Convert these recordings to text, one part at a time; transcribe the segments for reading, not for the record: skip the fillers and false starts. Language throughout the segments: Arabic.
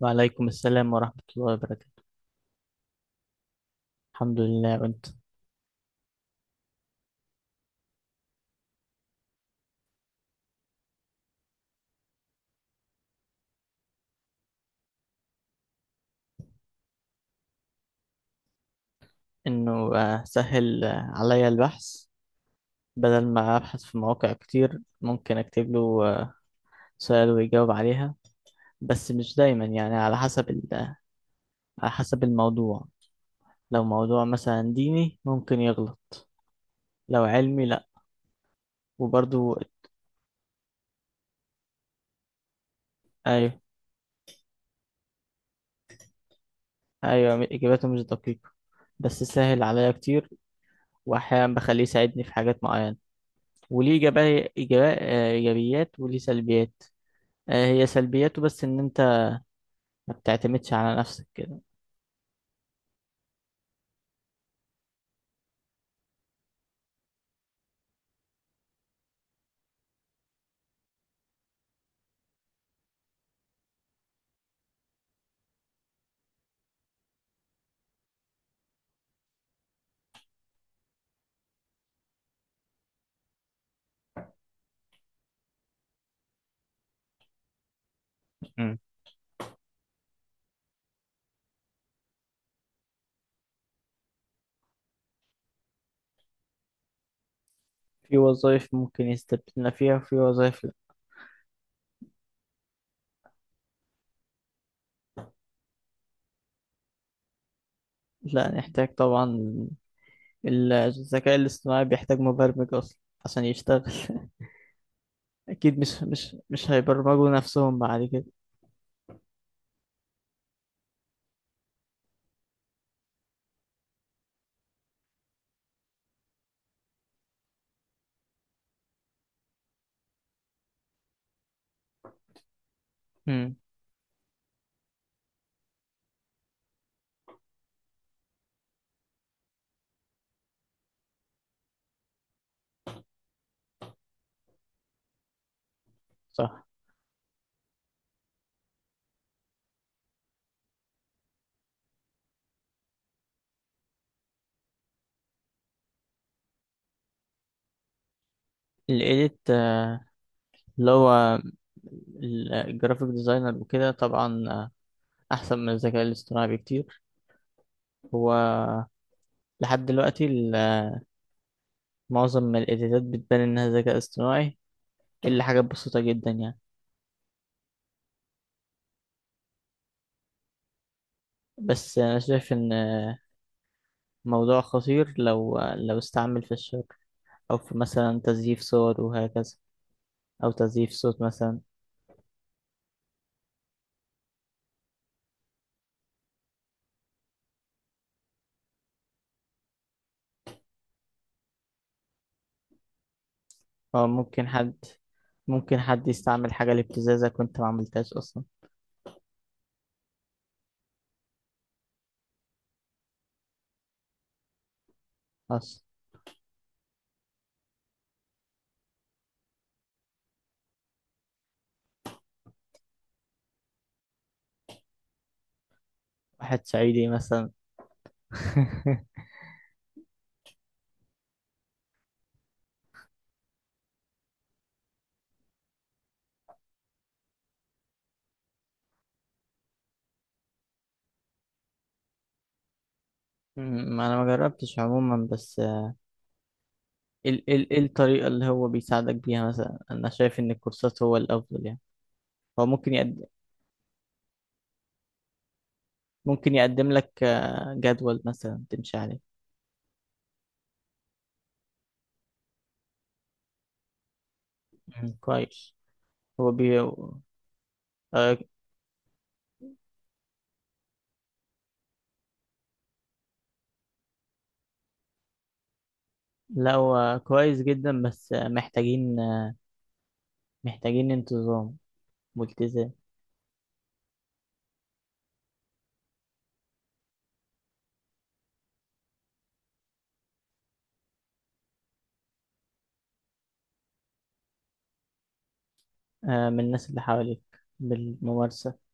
وعليكم السلام ورحمة الله وبركاته. الحمد لله، وانت؟ انه سهل عليا البحث. بدل ما ابحث في مواقع كتير، ممكن اكتب له سؤال ويجاوب عليها. بس مش دايما، يعني على حسب على حسب الموضوع. لو موضوع مثلا ديني ممكن يغلط، لو علمي لا. وبرضو ايوه. ايوه، اجاباته مش دقيقة، بس سهل عليا كتير. واحيانا بخليه يساعدني في حاجات معينة، وليه إيجابيات وليه سلبيات. هي سلبياته بس ان انت ما بتعتمدش على نفسك كده. مم. في وظائف ممكن يستبدلنا فيها وفي وظائف لا. لا، نحتاج طبعا. الذكاء الاصطناعي بيحتاج مبرمج اصلا عشان يشتغل. اكيد مش هيبرمجوا نفسهم بعد كده. مم. صح. الايديت، اللي هو الجرافيك ديزاينر وكده، طبعا احسن من الذكاء الاصطناعي بكتير. هو لحد دلوقتي، معظم من الايديتات بتبان انها ذكاء اصطناعي، الا حاجات بسيطة جدا يعني. بس أنا شايف إن موضوع خطير لو استعمل في الشر، أو في مثلا تزييف صور وهكذا، أو تزييف صوت مثلا. أو ممكن حد يستعمل حاجة لابتزازك وأنت ما عملتهاش أصلا. أصلا. واحد صعيدي مثلا. ما أنا ما جربتش عموما، بس ال إيه الطريقة اللي هو بيساعدك بيها؟ مثلا أنا شايف إن الكورسات هو الأفضل، يعني. هو ممكن يقدم لك جدول مثلا تمشي عليه. مم، كويس. هو بي آه، لا، هو كويس جدا، بس محتاجين انتظام والتزام. من الناس اللي حواليك، بالممارسة.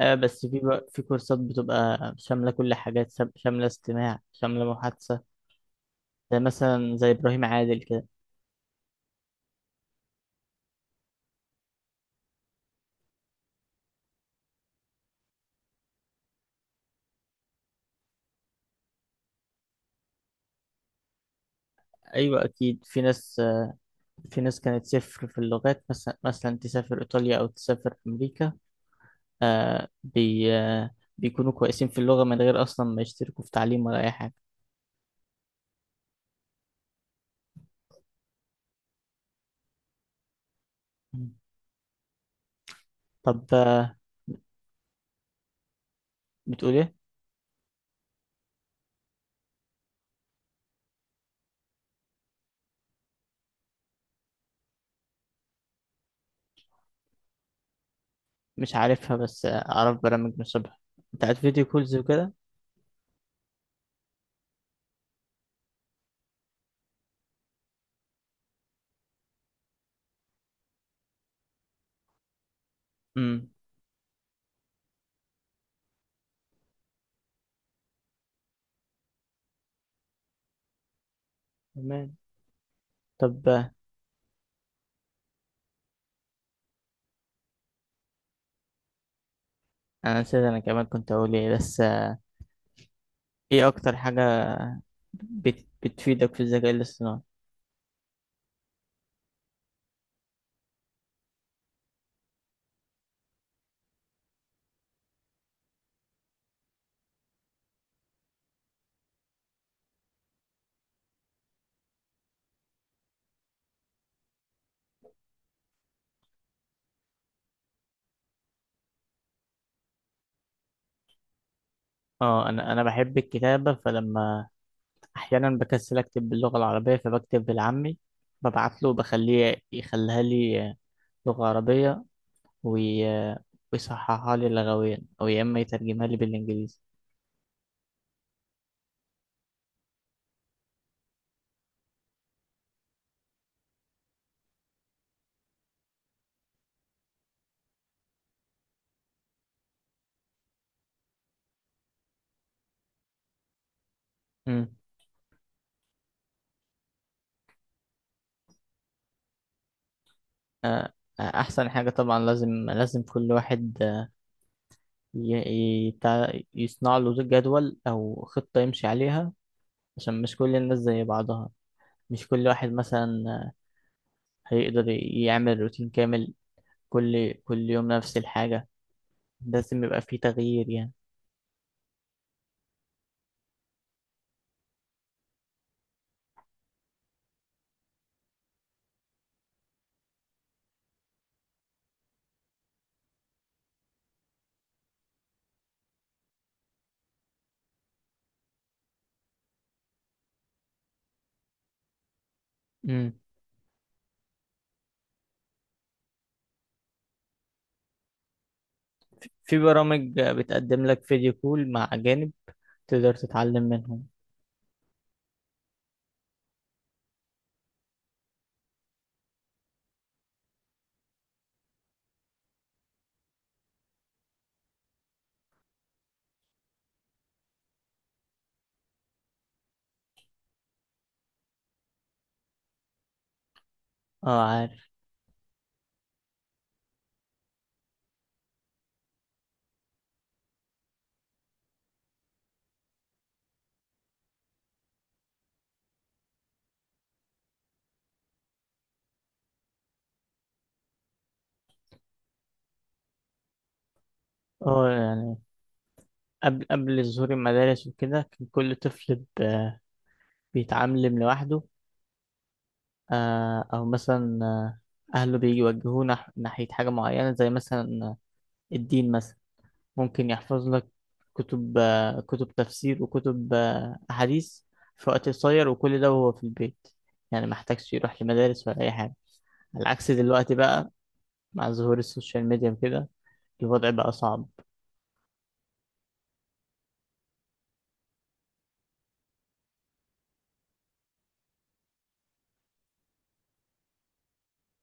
بس في كورسات بتبقى شاملة، كل حاجات شاملة استماع، شاملة محادثة. زي مثلا، زي إبراهيم عادل كده. أيوة، أكيد في ناس كانت صفر في اللغات، مثلا تسافر إيطاليا أو تسافر أمريكا، آه، بي آه، بيكونوا كويسين في اللغة من غير أصلا ما يشتركوا في تعليم ولا أي حاجة. طب بتقول إيه؟ مش عارفها، بس اعرف برامج نصيبها بتاعت فيديو كولز وكده. امم. تمام. طب انا نسيت. انا كمان كنت اقول ايه، بس ايه اكتر حاجة بتفيدك في الذكاء الاصطناعي؟ اه، انا بحب الكتابة، فلما احيانا بكسل اكتب باللغة العربية فبكتب بالعامي، ببعت له بخليه يخليها لي لغة عربية، وي... آه، ويصححها لي لغويا، او يا اما يترجمها لي بالانجليزي. امم. آه، احسن حاجة طبعا. لازم، لازم كل واحد يصنع له جدول أو خطة يمشي عليها، عشان مش كل الناس زي بعضها. مش كل واحد مثلا هيقدر يعمل روتين كامل كل كل يوم نفس الحاجة. لازم يبقى فيه تغيير، يعني. مم. في برامج بتقدم لك فيديو كول مع أجانب، تقدر تتعلم منهم. اه، عارف. اه، يعني قبل ظهور المدارس وكده، كان كل طفل بيتعلم لوحده. أو مثلا أهله بيوجهوه ناحية حاجة معينة، زي مثلا الدين مثلا. ممكن يحفظ لك كتب، كتب تفسير وكتب أحاديث، في وقت قصير، وكل ده وهو في البيت. يعني محتاجش يروح لمدارس ولا أي حاجة، على عكس دلوقتي بقى. مع ظهور السوشيال ميديا وكده، الوضع بقى صعب.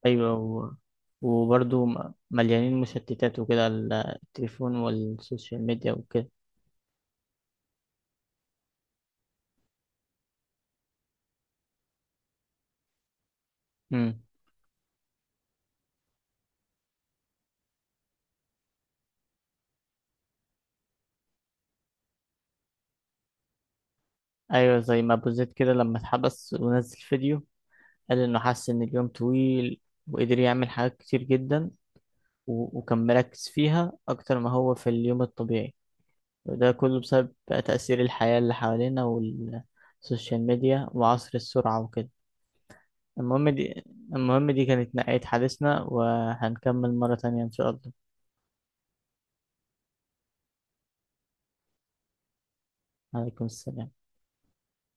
أيوة وبرضه مليانين مشتتات وكده، التليفون والسوشيال ميديا وكده. مم. ايوه، زي ما ابو زيد كده لما اتحبس ونزل فيديو، قال انه حس ان اليوم طويل، وقدر يعمل حاجات كتير جدا، وكان مركز فيها اكتر ما هو في اليوم الطبيعي. وده كله بسبب بقى تأثير الحياة اللي حوالينا، والسوشيال ميديا وعصر السرعة وكده. المهم دي المهم دي كانت نهاية حديثنا، وهنكمل مرة تانية إن شاء الله. عليكم السلام.